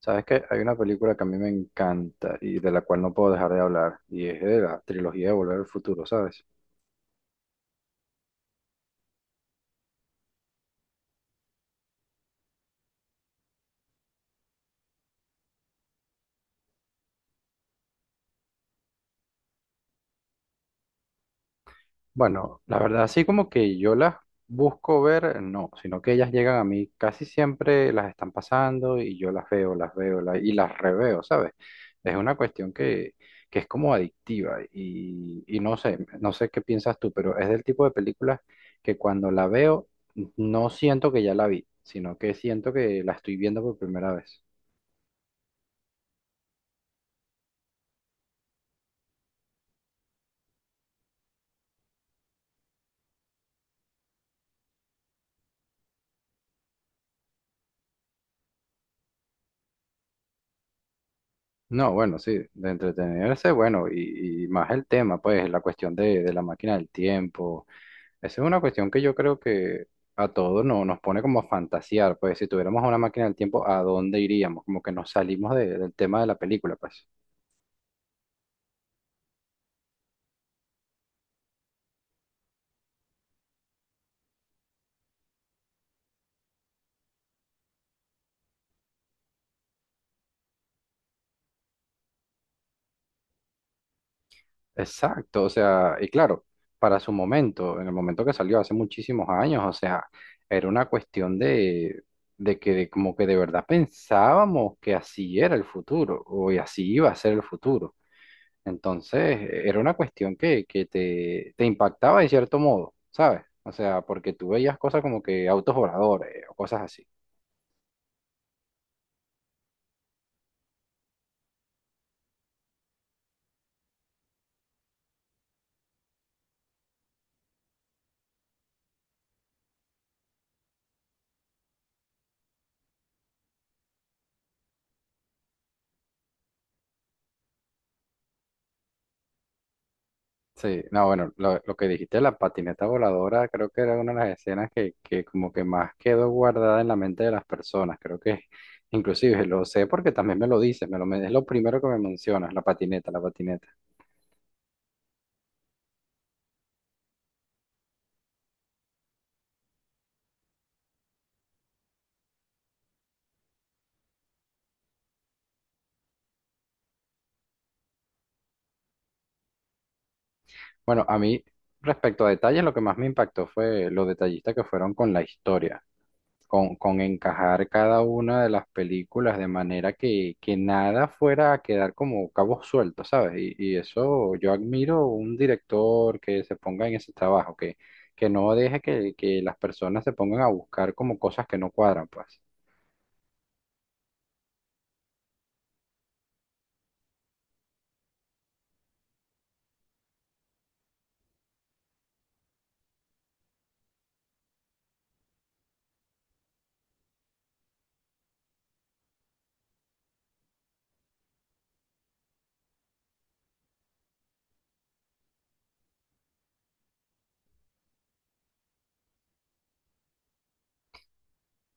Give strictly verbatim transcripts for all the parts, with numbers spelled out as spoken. Sabes que hay una película que a mí me encanta y de la cual no puedo dejar de hablar, y es de la trilogía de Volver al Futuro, ¿sabes? Bueno, la verdad, así como que yo las busco ver, no, sino que ellas llegan a mí, casi siempre las están pasando y yo las veo, las veo la- y las reveo, ¿sabes? Es una cuestión que, que es como adictiva y, y no sé, no sé qué piensas tú, pero es del tipo de películas que cuando la veo no siento que ya la vi, sino que siento que la estoy viendo por primera vez. No, bueno, sí, de entretenerse, bueno, y, y más el tema, pues, la cuestión de, de la máquina del tiempo. Esa es una cuestión que yo creo que a todos no, nos pone como a fantasear, pues, si tuviéramos una máquina del tiempo, ¿a dónde iríamos? Como que nos salimos de- del tema de la película, pues. Exacto, o sea, y claro, para su momento, en el momento que salió hace muchísimos años, o sea, era una cuestión de, de que de- como que de verdad pensábamos que así era el futuro, o y así iba a ser el futuro. Entonces, e-, era una cuestión que, que te, te impactaba de cierto modo, ¿sabes? O sea, porque tú veías cosas como que autos voladores o cosas así. Sí, no, bueno, lo, lo que dijiste de la patineta voladora, creo que era una de las escenas que, que como que más quedó guardada en la mente de las personas. Creo que inclusive lo sé porque también me lo dices, me lo, men- es lo primero que me mencionas, la patineta, la patineta. Bueno, a mí, respecto a detalles, lo que más me impactó fue lo detallista que fueron con la historia, con, con encajar cada una de las películas de manera que, que nada fuera a quedar como cabos sueltos, ¿sabes? Y, y eso yo admiro un director que se ponga en ese trabajo, que, que no deje que, que las personas se pongan a buscar como cosas que no cuadran, pues.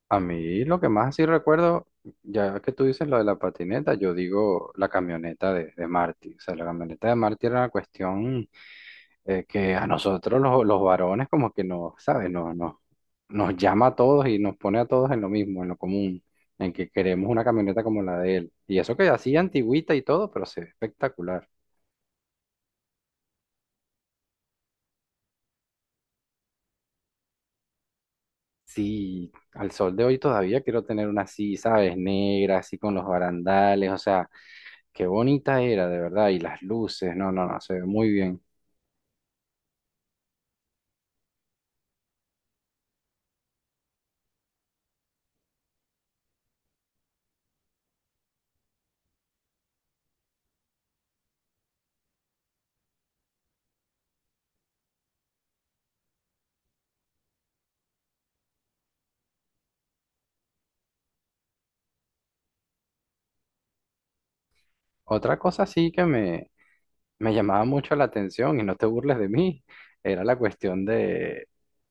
A mí lo que más así recuerdo, ya que tú dices lo de la patineta, yo digo la camioneta de, de Marty. O sea, la camioneta de Marty era una cuestión eh, que a nosotros los, los varones como que nos, ¿sabes? Nos, nos, nos llama a todos y nos pone a todos en lo mismo, en lo común, en que queremos una camioneta como la de él. Y eso que así antigüita y todo, pero se ve espectacular. Sí, al sol de hoy todavía quiero tener una así, ¿sabes? Negra, así con los barandales, o sea, qué bonita era, de verdad, y las luces, no, no, no, se ve muy bien. Otra cosa sí que me, me llamaba mucho la atención, y no te burles de mí, era la cuestión de,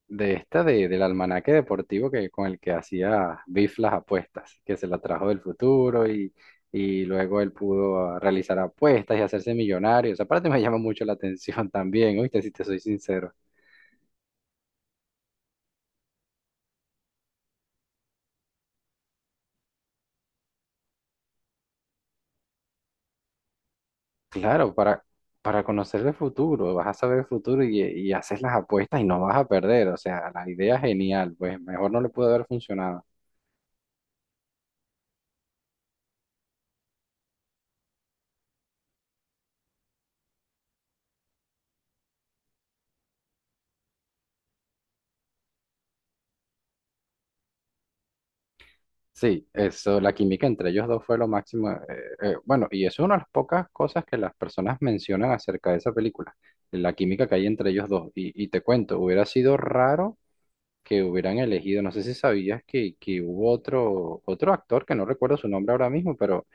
de esta de, del almanaque deportivo que, con el que hacía Biff las apuestas, que se la trajo del futuro y, y luego él pudo ah, realizar apuestas y hacerse millonario. Esa parte me llama mucho la atención también, ¿oíste? Si te soy sincero. Claro, para, para conocer el futuro, vas a saber el futuro y, y haces las apuestas y no vas a perder. O sea, la idea es genial, pues mejor no le pudo haber funcionado. Sí, eso, la química entre ellos dos fue lo máximo. Eh, eh, bueno, y es una de las pocas cosas que las personas mencionan acerca de esa película, la química que hay entre ellos dos. Y, y te cuento, hubiera sido raro que hubieran elegido, no sé si sabías que, que hubo otro, otro actor, que no recuerdo su nombre ahora mismo, pero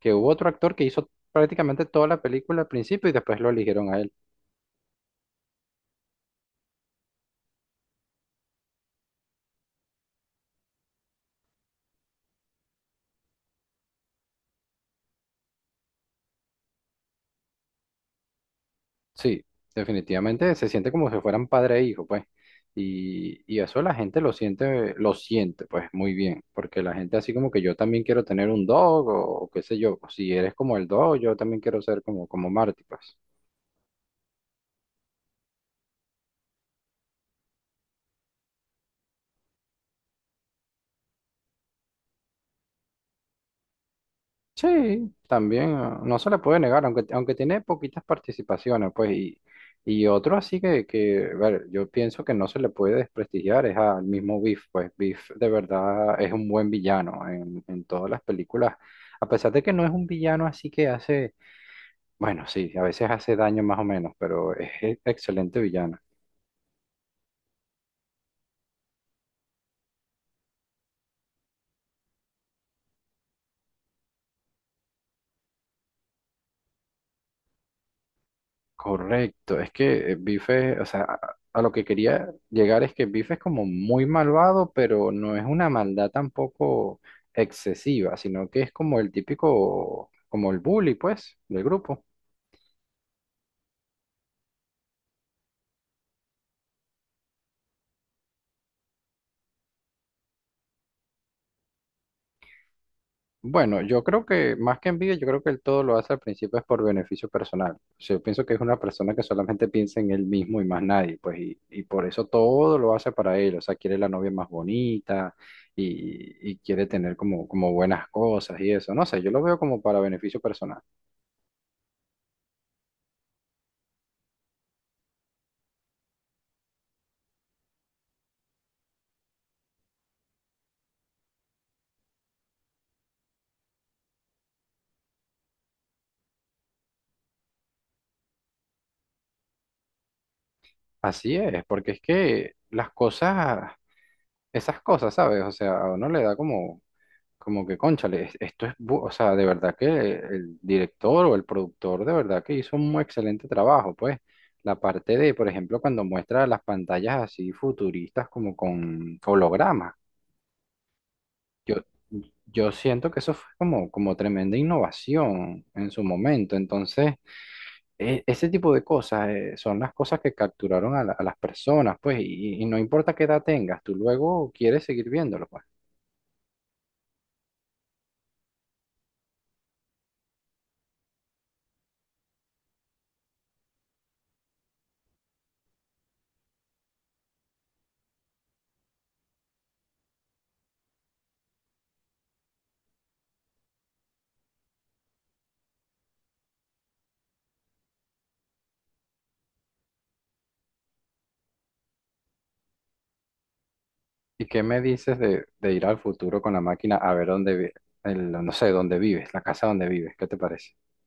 que hubo otro actor que hizo prácticamente toda la película al principio y después lo eligieron a él. Sí, definitivamente se siente como si fueran padre e hijo, pues. Y, y eso la gente lo siente, lo siente, pues, muy bien. Porque la gente así como que yo también quiero tener un dog o, o qué sé yo. Si eres como el dog, yo también quiero ser como, como Marty, pues. Sí, también ah, no se le puede negar, aunque, aunque tiene poquitas participaciones, pues, y, y otro así que, que, a ver, yo pienso que no se le puede desprestigiar, es al mismo Biff, pues Biff de verdad es un buen villano en, en todas las películas, a pesar de que no es un villano así que hace, bueno, sí, a veces hace daño más o menos, pero es e- excelente villano. Correcto, es que eh, Bife, o sea, a, a lo que quería llegar es que Bife es como muy malvado, pero no es una maldad tampoco excesiva, sino que es como el típico, como el bully, pues, del grupo. Bueno, yo creo que más que envidia, yo creo que él todo lo hace al principio es por beneficio personal. O sea, yo pienso que es una persona que solamente piensa en él mismo y más nadie, pues, y, y por eso todo lo hace para él. O sea, quiere la novia más bonita y, y quiere tener como, como buenas cosas y eso. No sé, yo lo veo como para beneficio personal. Así es, porque es que las cosas, esas cosas, ¿sabes? O sea, a uno le da como como que, cónchale, es- esto es, bu- o sea, de verdad que el director o el productor de verdad que hizo un excelente trabajo, pues. La parte de, por ejemplo, cuando muestra las pantallas así futuristas como con hologramas. Yo, yo siento que eso fue como, como tremenda innovación en su momento. Entonces, e- ese tipo de cosas eh, son las cosas que capturaron a, la- a las personas, pues, y, y no importa qué edad tengas, tú luego quieres seguir viéndolo, pues. ¿Y qué me dices de, de ir al futuro con la máquina a ver dónde, vi- el- no sé, dónde vives, la casa donde vives? ¿Qué te parece?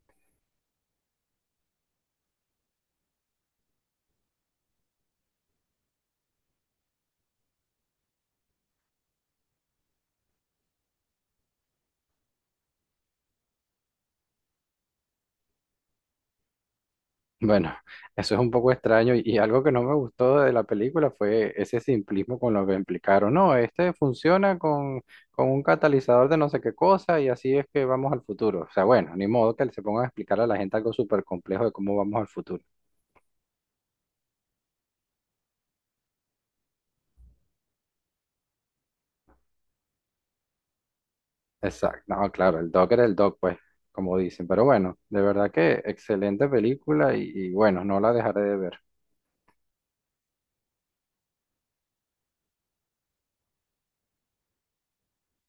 Bueno, eso es un poco extraño y, y algo que no me gustó de la película fue ese simplismo con lo que implicaron. No, este funciona con, con un catalizador de no sé qué cosa y así es que vamos al futuro. O sea, bueno, ni modo que se pongan a explicar a la gente algo súper complejo de cómo vamos al futuro. Exacto, no, claro, el doc era el doc, pues, como dicen. Pero bueno, de verdad que excelente película y y bueno, no la dejaré de ver.